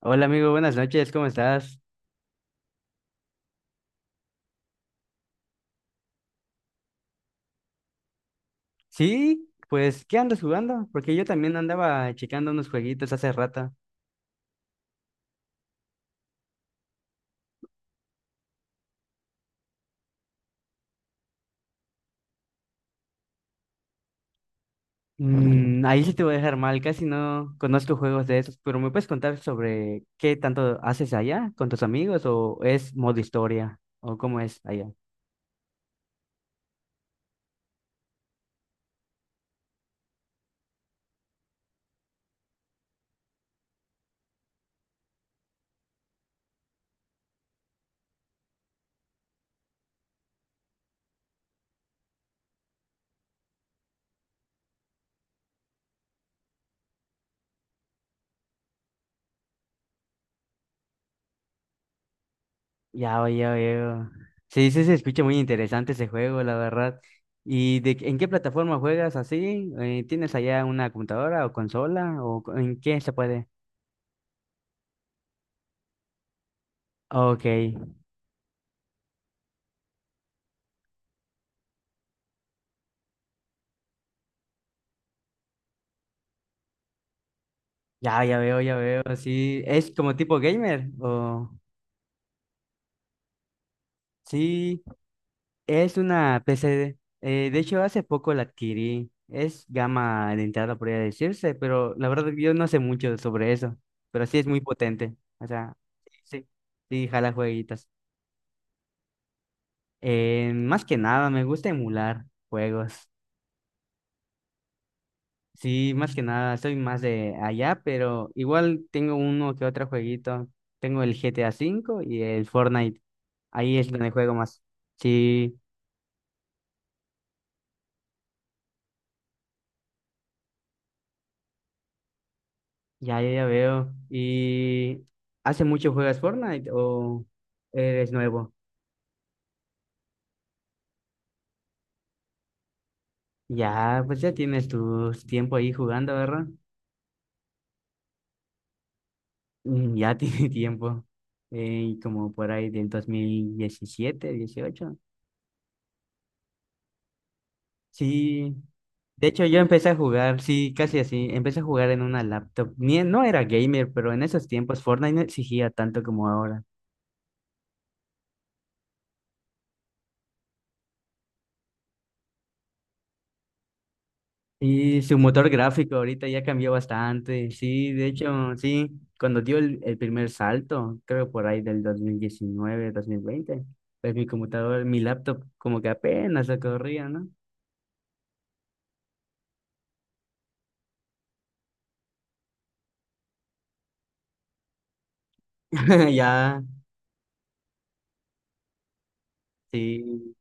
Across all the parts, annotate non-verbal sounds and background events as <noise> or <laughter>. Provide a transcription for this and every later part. Hola amigo, buenas noches, ¿cómo estás? Sí, pues, ¿qué andas jugando? Porque yo también andaba checando unos jueguitos hace rato. Mm, ahí sí te voy a dejar mal, casi no conozco juegos de esos, pero ¿me puedes contar sobre qué tanto haces allá con tus amigos o es modo historia o cómo es allá? Ya, oye, oye. Sí, sí, se escucha muy interesante ese juego, la verdad. ¿Y de, en qué plataforma juegas así? ¿Tienes allá una computadora o consola o en qué se puede? Ok. Ya, ya veo, ya veo. Sí, es como tipo gamer. O sí, es una PC. De hecho, hace poco la adquirí. Es gama de entrada, podría decirse, pero la verdad yo no sé mucho sobre eso. Pero sí es muy potente. O sea, sí, sí, jala jueguitas. Más que nada, me gusta emular juegos. Sí, más que nada, soy más de allá, pero igual tengo uno que otro jueguito. Tengo el GTA 5 y el Fortnite. Ahí es donde juego más. Sí, ya, ya, ya veo. ¿Y hace mucho juegas Fortnite o eres nuevo? Ya, pues ya tienes tu tiempo ahí jugando, ¿verdad? Mm, ya tiene <laughs> tiempo. Como por ahí del 2017, 2018. Sí, de hecho yo empecé a jugar, sí, casi así, empecé a jugar en una laptop. Ni, no era gamer, pero en esos tiempos Fortnite no exigía tanto como ahora. Y su motor gráfico ahorita ya cambió bastante, sí, de hecho, sí, cuando dio el primer salto, creo por ahí del 2019, 2020 pues mi computador, mi laptop como que apenas lo corría, ¿no? <laughs> Ya, sí,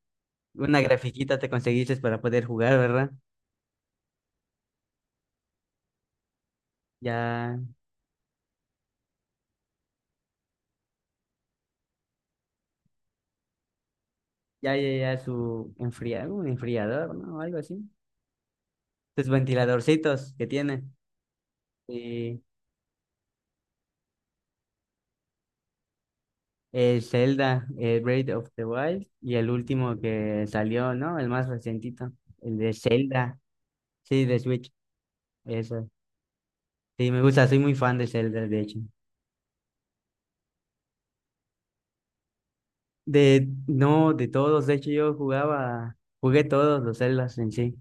una grafiquita te conseguiste para poder jugar, ¿verdad? Ya, ya, ya, ya, su enfriado un enfriador, ¿no? Algo así. Sus ventiladorcitos que tiene. Y el Zelda, el Breath of the Wild, y el último que salió, ¿no? El más recientito, el de Zelda, sí, de Switch, eso. Sí, me gusta, soy muy fan de Zelda, de hecho. De, no, de todos, de hecho yo jugaba, jugué todos los Zeldas en sí.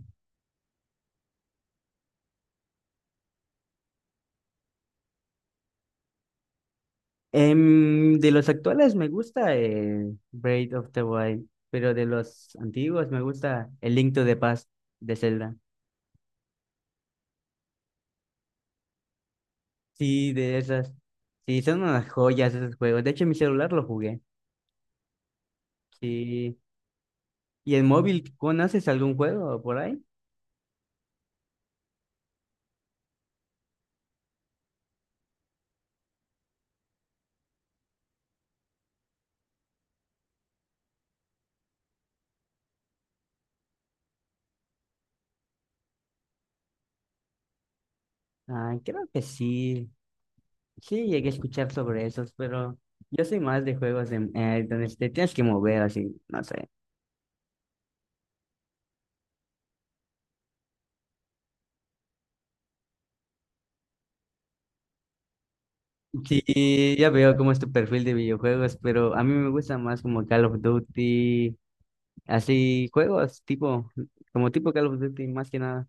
Em, de los actuales me gusta Breath of the Wild, pero de los antiguos me gusta el Link to the Past de Zelda. Sí, de esas. Sí, son unas joyas esos juegos. De hecho, en mi celular lo jugué. Sí. ¿Y en móvil conoces algún juego por ahí? Ah, creo que sí. Sí, llegué a escuchar sobre esos, pero yo soy más de juegos de, donde te tienes que mover así, no sé. Sí, ya veo cómo es tu perfil de videojuegos, pero a mí me gusta más como Call of Duty. Así juegos, tipo, como tipo Call of Duty más que nada.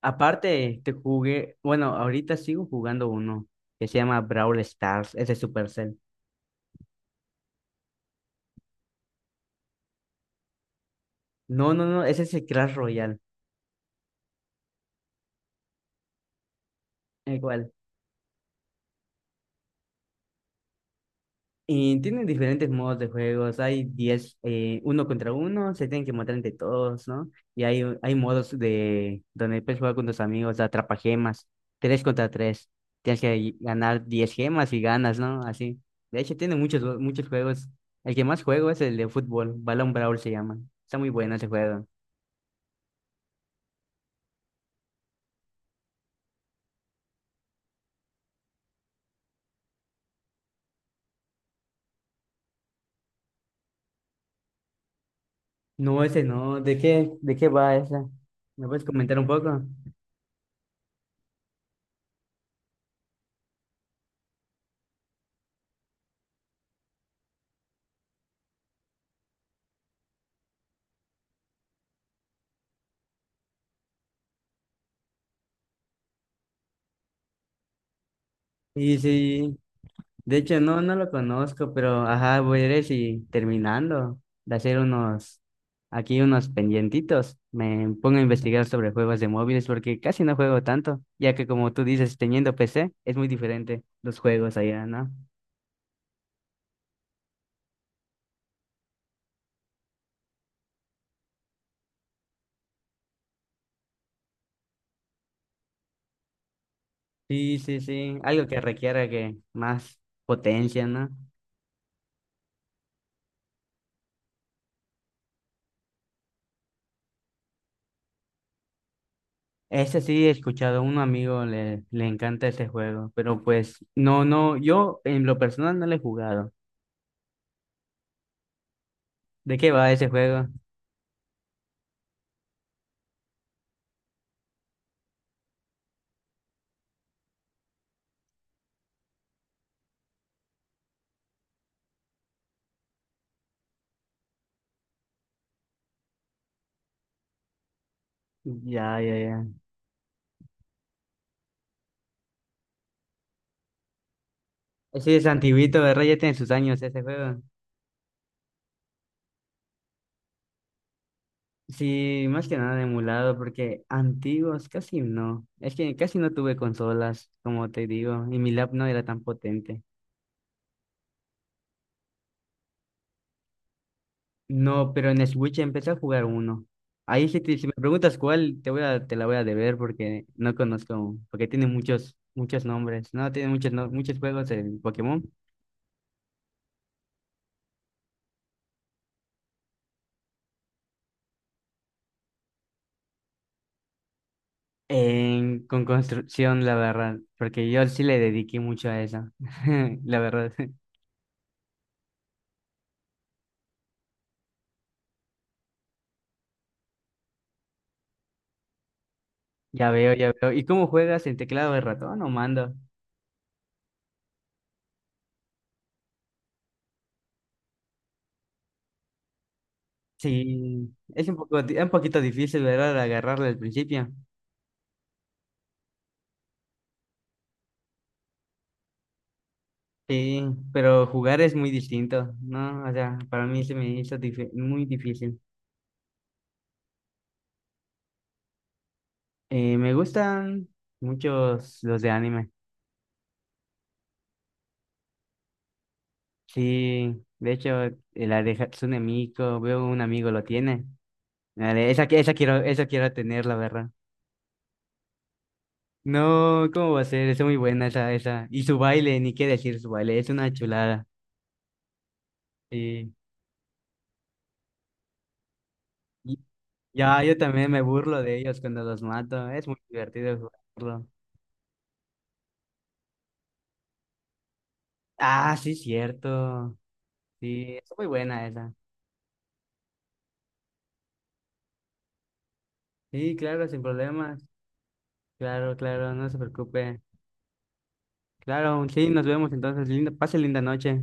Aparte, te jugué, bueno, ahorita sigo jugando uno que se llama Brawl Stars, ese Supercell. No, no, no, ese es el Clash Royale. Igual y tienen diferentes modos de juegos. Hay 10 uno contra uno, se tienen que matar entre todos, ¿no? Y hay modos de donde puedes jugar con tus amigos, atrapa gemas, tres contra tres. Tienes que ganar 10 gemas y ganas, ¿no? Así. De hecho, tiene muchos, muchos juegos. El que más juego es el de fútbol, Balón Brawl se llama. Está muy bueno ese juego. No, ese no. De qué va esa? ¿Me puedes comentar un poco? Y sí, de hecho, no, no lo conozco, pero ajá, voy a ir si terminando de hacer unos, aquí unos pendientitos, me pongo a investigar sobre juegos de móviles porque casi no juego tanto, ya que como tú dices, teniendo PC es muy diferente los juegos allá, ¿no? Sí, sí, sí, algo que requiera que más potencia, ¿no? Ese sí he escuchado, un amigo le, le encanta ese juego, pero pues no, no, yo en lo personal no lo he jugado. ¿De qué va ese juego? Ya, ya, ya. Sí, es antiguito, ¿verdad? Ya tiene sus años ese juego. Sí, más que nada emulado, porque antiguos casi no. Es que casi no tuve consolas, como te digo, y mi lap no era tan potente. No, pero en Switch empecé a jugar uno. Ahí si, si me preguntas cuál, te voy a, te la voy a deber porque no conozco, porque tiene muchos, muchos nombres, ¿no? Tiene muchos, muchos juegos en Pokémon. En, con construcción, la verdad, porque yo sí le dediqué mucho a eso, <laughs> la verdad. Ya veo, ya veo. ¿Y cómo juegas en teclado de ratón o mando? Sí, es un poco, un poquito difícil, ¿verdad? Agarrarlo al principio. Sí, pero jugar es muy distinto, ¿no? O sea, para mí se me hizo muy difícil. Me gustan muchos los de anime. Sí, de hecho, la de Hatsune Miku, veo un amigo lo tiene. Esa, esa quiero tener, la verdad. No, ¿cómo va a ser? Es muy buena esa, esa. Y su baile, ni qué decir su baile, es una chulada. Sí. Ya, yo también me burlo de ellos cuando los mato. Es muy divertido jugarlo. Ah, sí, cierto. Sí, es muy buena esa. Sí, claro, sin problemas. Claro, claro, no se preocupe. Claro, sí, nos vemos entonces. Linda, pase linda noche.